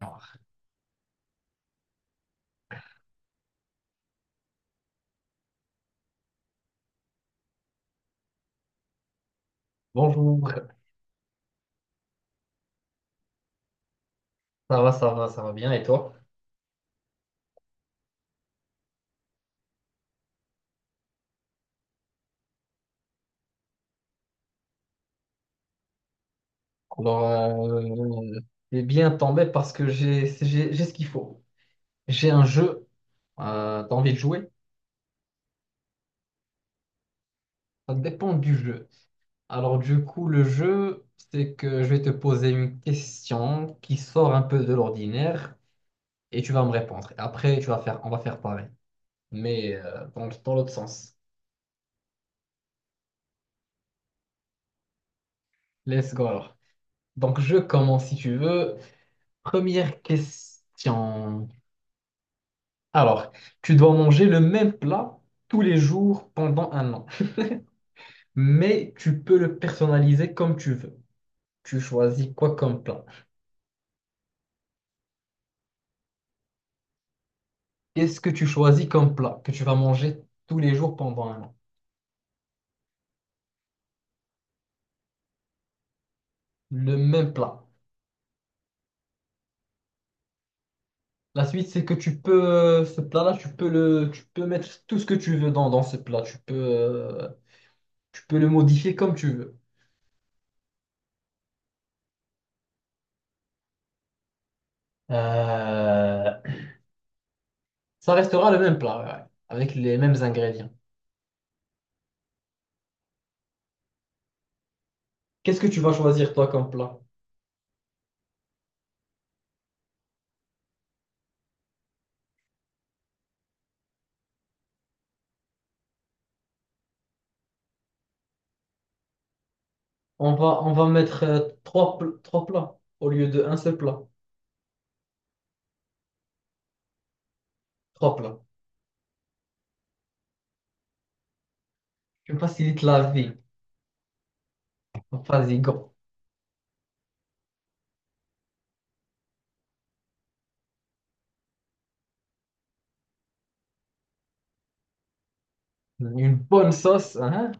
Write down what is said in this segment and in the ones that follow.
Alors, bonjour, ça va, ça va, ça va bien, et toi? Alors, t'es bien tombé parce que j'ai ce qu'il faut. J'ai un jeu, t'as envie de jouer? Ça dépend du jeu. Alors, du coup, le jeu, c'est que je vais te poser une question qui sort un peu de l'ordinaire et tu vas me répondre. Et après, tu vas faire, on va faire pareil, mais dans l'autre sens. Let's go alors. Donc, je commence si tu veux. Première question. Alors, tu dois manger le même plat tous les jours pendant un an, mais tu peux le personnaliser comme tu veux. Tu choisis quoi comme plat? Qu'est-ce que tu choisis comme plat que tu vas manger tous les jours pendant un an? Le même plat. La suite, c'est que tu peux, ce plat-là, tu peux mettre tout ce que tu veux dans, dans ce plat. Tu peux le modifier comme tu veux. Euh, Ça restera le même plat, ouais, ouais, avec les mêmes ingrédients. Qu'est-ce que tu vas choisir toi comme plat? On va mettre trois plats au lieu de un seul plat. Trois plats. Tu me facilites la vie. Vas-y, go. Une bonne sauce, hein?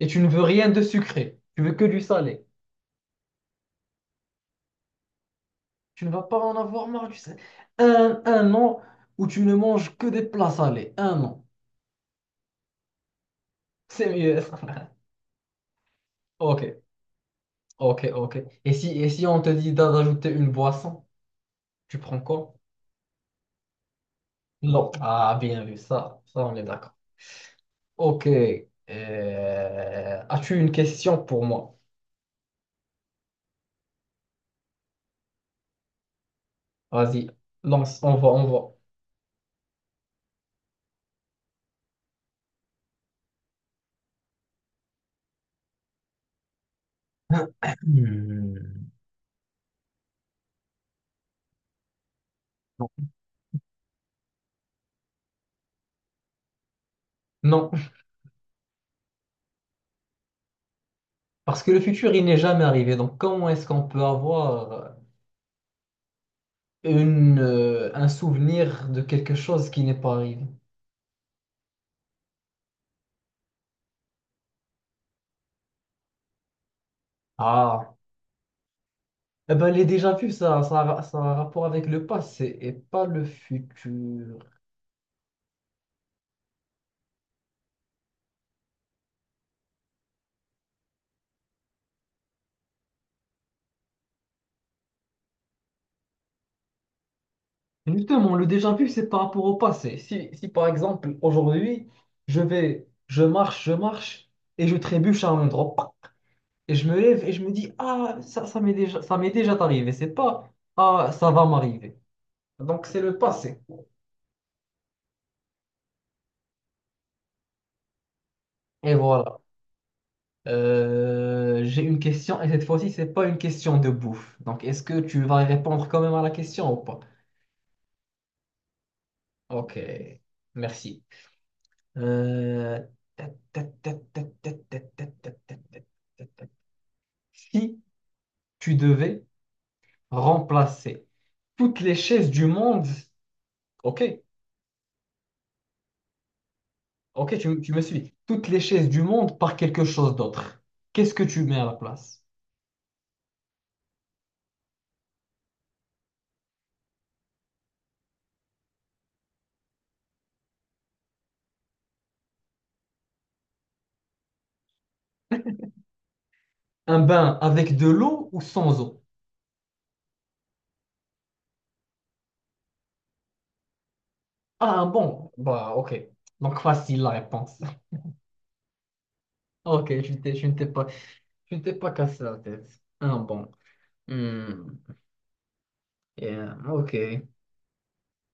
Et tu ne veux rien de sucré. Tu veux que du salé. Tu ne vas pas en avoir marre du salé. Un an où tu ne manges que des plats salés. Un an. C'est mieux. Ok, ok, ok. Et si on te dit d'ajouter une boisson, tu prends quoi? Non. Ah, bien vu, ça, on est d'accord. Ok. As-tu une question pour moi? Vas-y, lance, on va. Hmm. Non. Parce que le futur, il n'est jamais arrivé. Donc, comment est-ce qu'on peut avoir un souvenir de quelque chose qui n'est pas arrivé? Ah, eh ben, les déjà-vus, ça a un rapport avec le passé et pas le futur. Justement, le déjà-vu, c'est par rapport au passé. Si par exemple, aujourd'hui, je marche, et je trébuche à un endroit. Et je me lève et je me dis, ah, ça m'est déjà arrivé. C'est pas, ah, ça va m'arriver. Donc, c'est le passé. Et voilà. J'ai une question et cette fois-ci, c'est pas une question de bouffe. Donc, est-ce que tu vas répondre quand même à la question ou pas? Ok, merci. Euh, ta- ta- ta- ta- ta- ta- ta- ta- ta- ta- ta- ta- Si tu devais remplacer toutes les chaises du monde, ok, ok, tu me suis. Toutes les chaises du monde par quelque chose d'autre. Qu'est-ce que tu mets à la place? Un bain avec de l'eau ou sans eau? Ah, un bon. Bah, ok. Donc, facile la réponse. Ok, tu ne t'es pas cassé la tête. Un bon. Hmm, yeah, ok.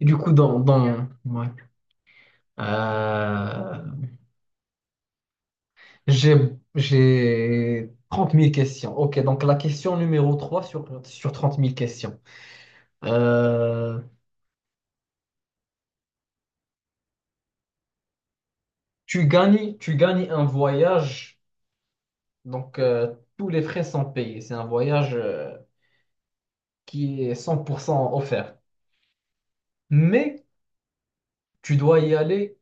Du coup, ouais. Euh, j'ai, j'ai 30 000 questions. Ok, donc la question numéro 3 sur 30 000 questions. Euh, tu gagnes un voyage, donc tous les frais sont payés. C'est un voyage qui est 100% offert. Mais tu dois y aller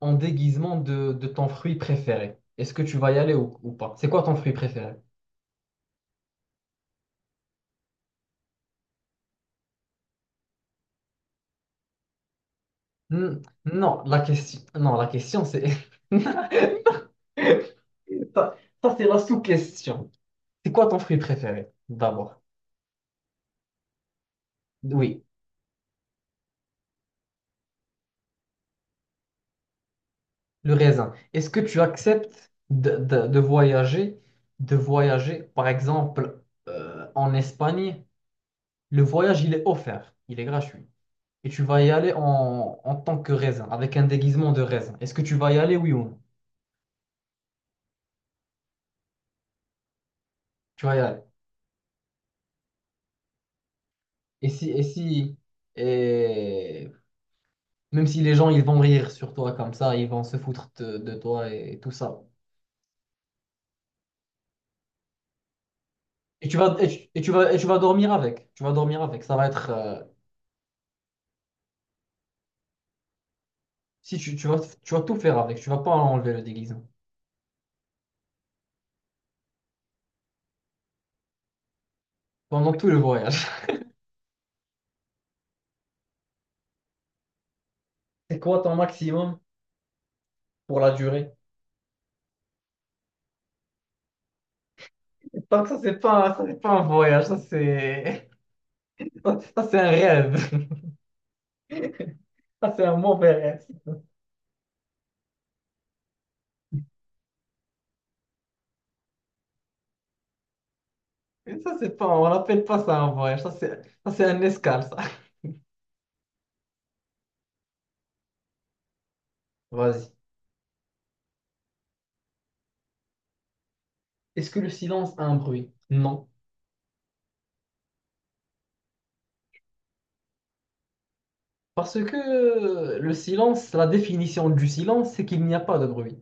en déguisement de ton fruit préféré. Est-ce que tu vas y aller ou pas? C'est quoi ton fruit préféré? Hmm, non, la question, non, la question c'est... Ça, ça, c'est la sous-question. C'est quoi ton fruit préféré, d'abord? Oui, le raisin. Est-ce que tu acceptes de, de voyager, par exemple, en Espagne, le voyage, il est offert, il est gratuit. Et tu vas y aller en, en tant que raisin, avec un déguisement de raisin. Est-ce que tu vas y aller, oui ou non? Tu vas y aller. Et si, et si, et même si les gens, ils vont rire sur toi comme ça, ils vont se foutre de toi et, tout ça. Et tu vas dormir avec. Tu vas dormir avec. Ça va être, si tu vas, tu vas, tout faire avec. Tu vas pas enlever le déguisement. Pendant tout le voyage. C'est quoi ton maximum pour la durée? Donc ça, c'est pas un voyage, ça, c'est, ça, c'est un rêve. Ça, c'est un mauvais rêve. Et ça, c'est pas, on n'appelle pas ça un voyage, ça, c'est un escale, ça. Vas-y. Est-ce que le silence a un bruit? Non. Parce que le silence, la définition du silence, c'est qu'il n'y a pas de bruit.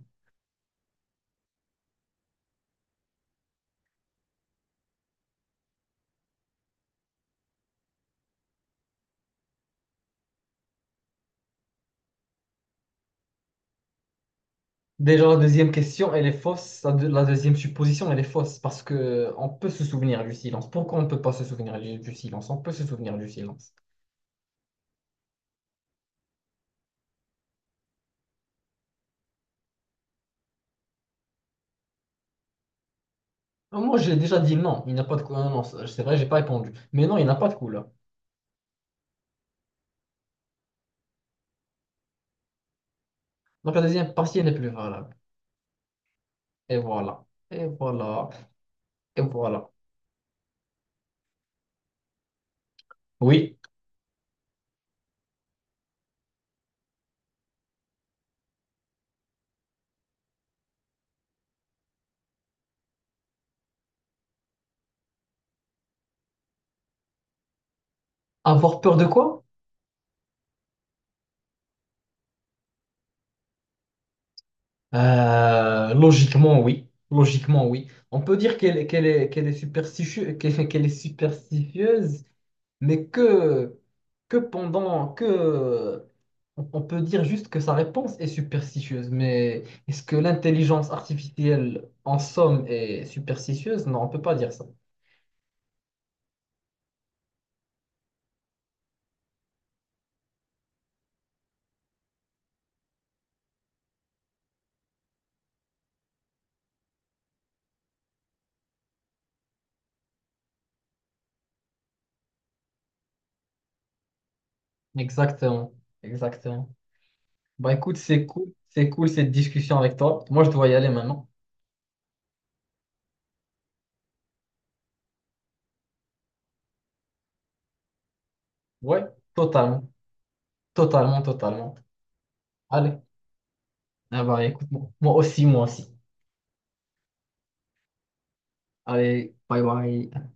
Déjà, la deuxième question, elle est fausse. La deuxième supposition, elle est fausse parce que on peut se souvenir du silence. Pourquoi on ne peut pas se souvenir du silence? On peut se souvenir du silence. Non, moi, j'ai déjà dit non, il n'y a pas de couleur. Non, c'est vrai, j'ai pas répondu. Mais non, il n'y a pas de couleur. Donc, la deuxième partie, elle est plus valable. Et voilà. Et voilà. Et voilà. Oui. Avoir peur de quoi? Logiquement, oui. Logiquement, oui. On peut dire qu'elle est superstitieuse, qu'elle est superstitieuse. Mais que pendant que on peut dire juste que sa réponse est superstitieuse, mais est-ce que l'intelligence artificielle en somme est superstitieuse? Non, on peut pas dire ça. Exactement, exactement. Bah écoute, c'est cool cette discussion avec toi. Moi, je dois y aller maintenant. Ouais, totalement, totalement, totalement. Allez, ah bah écoute, moi aussi, moi aussi. Allez, bye bye.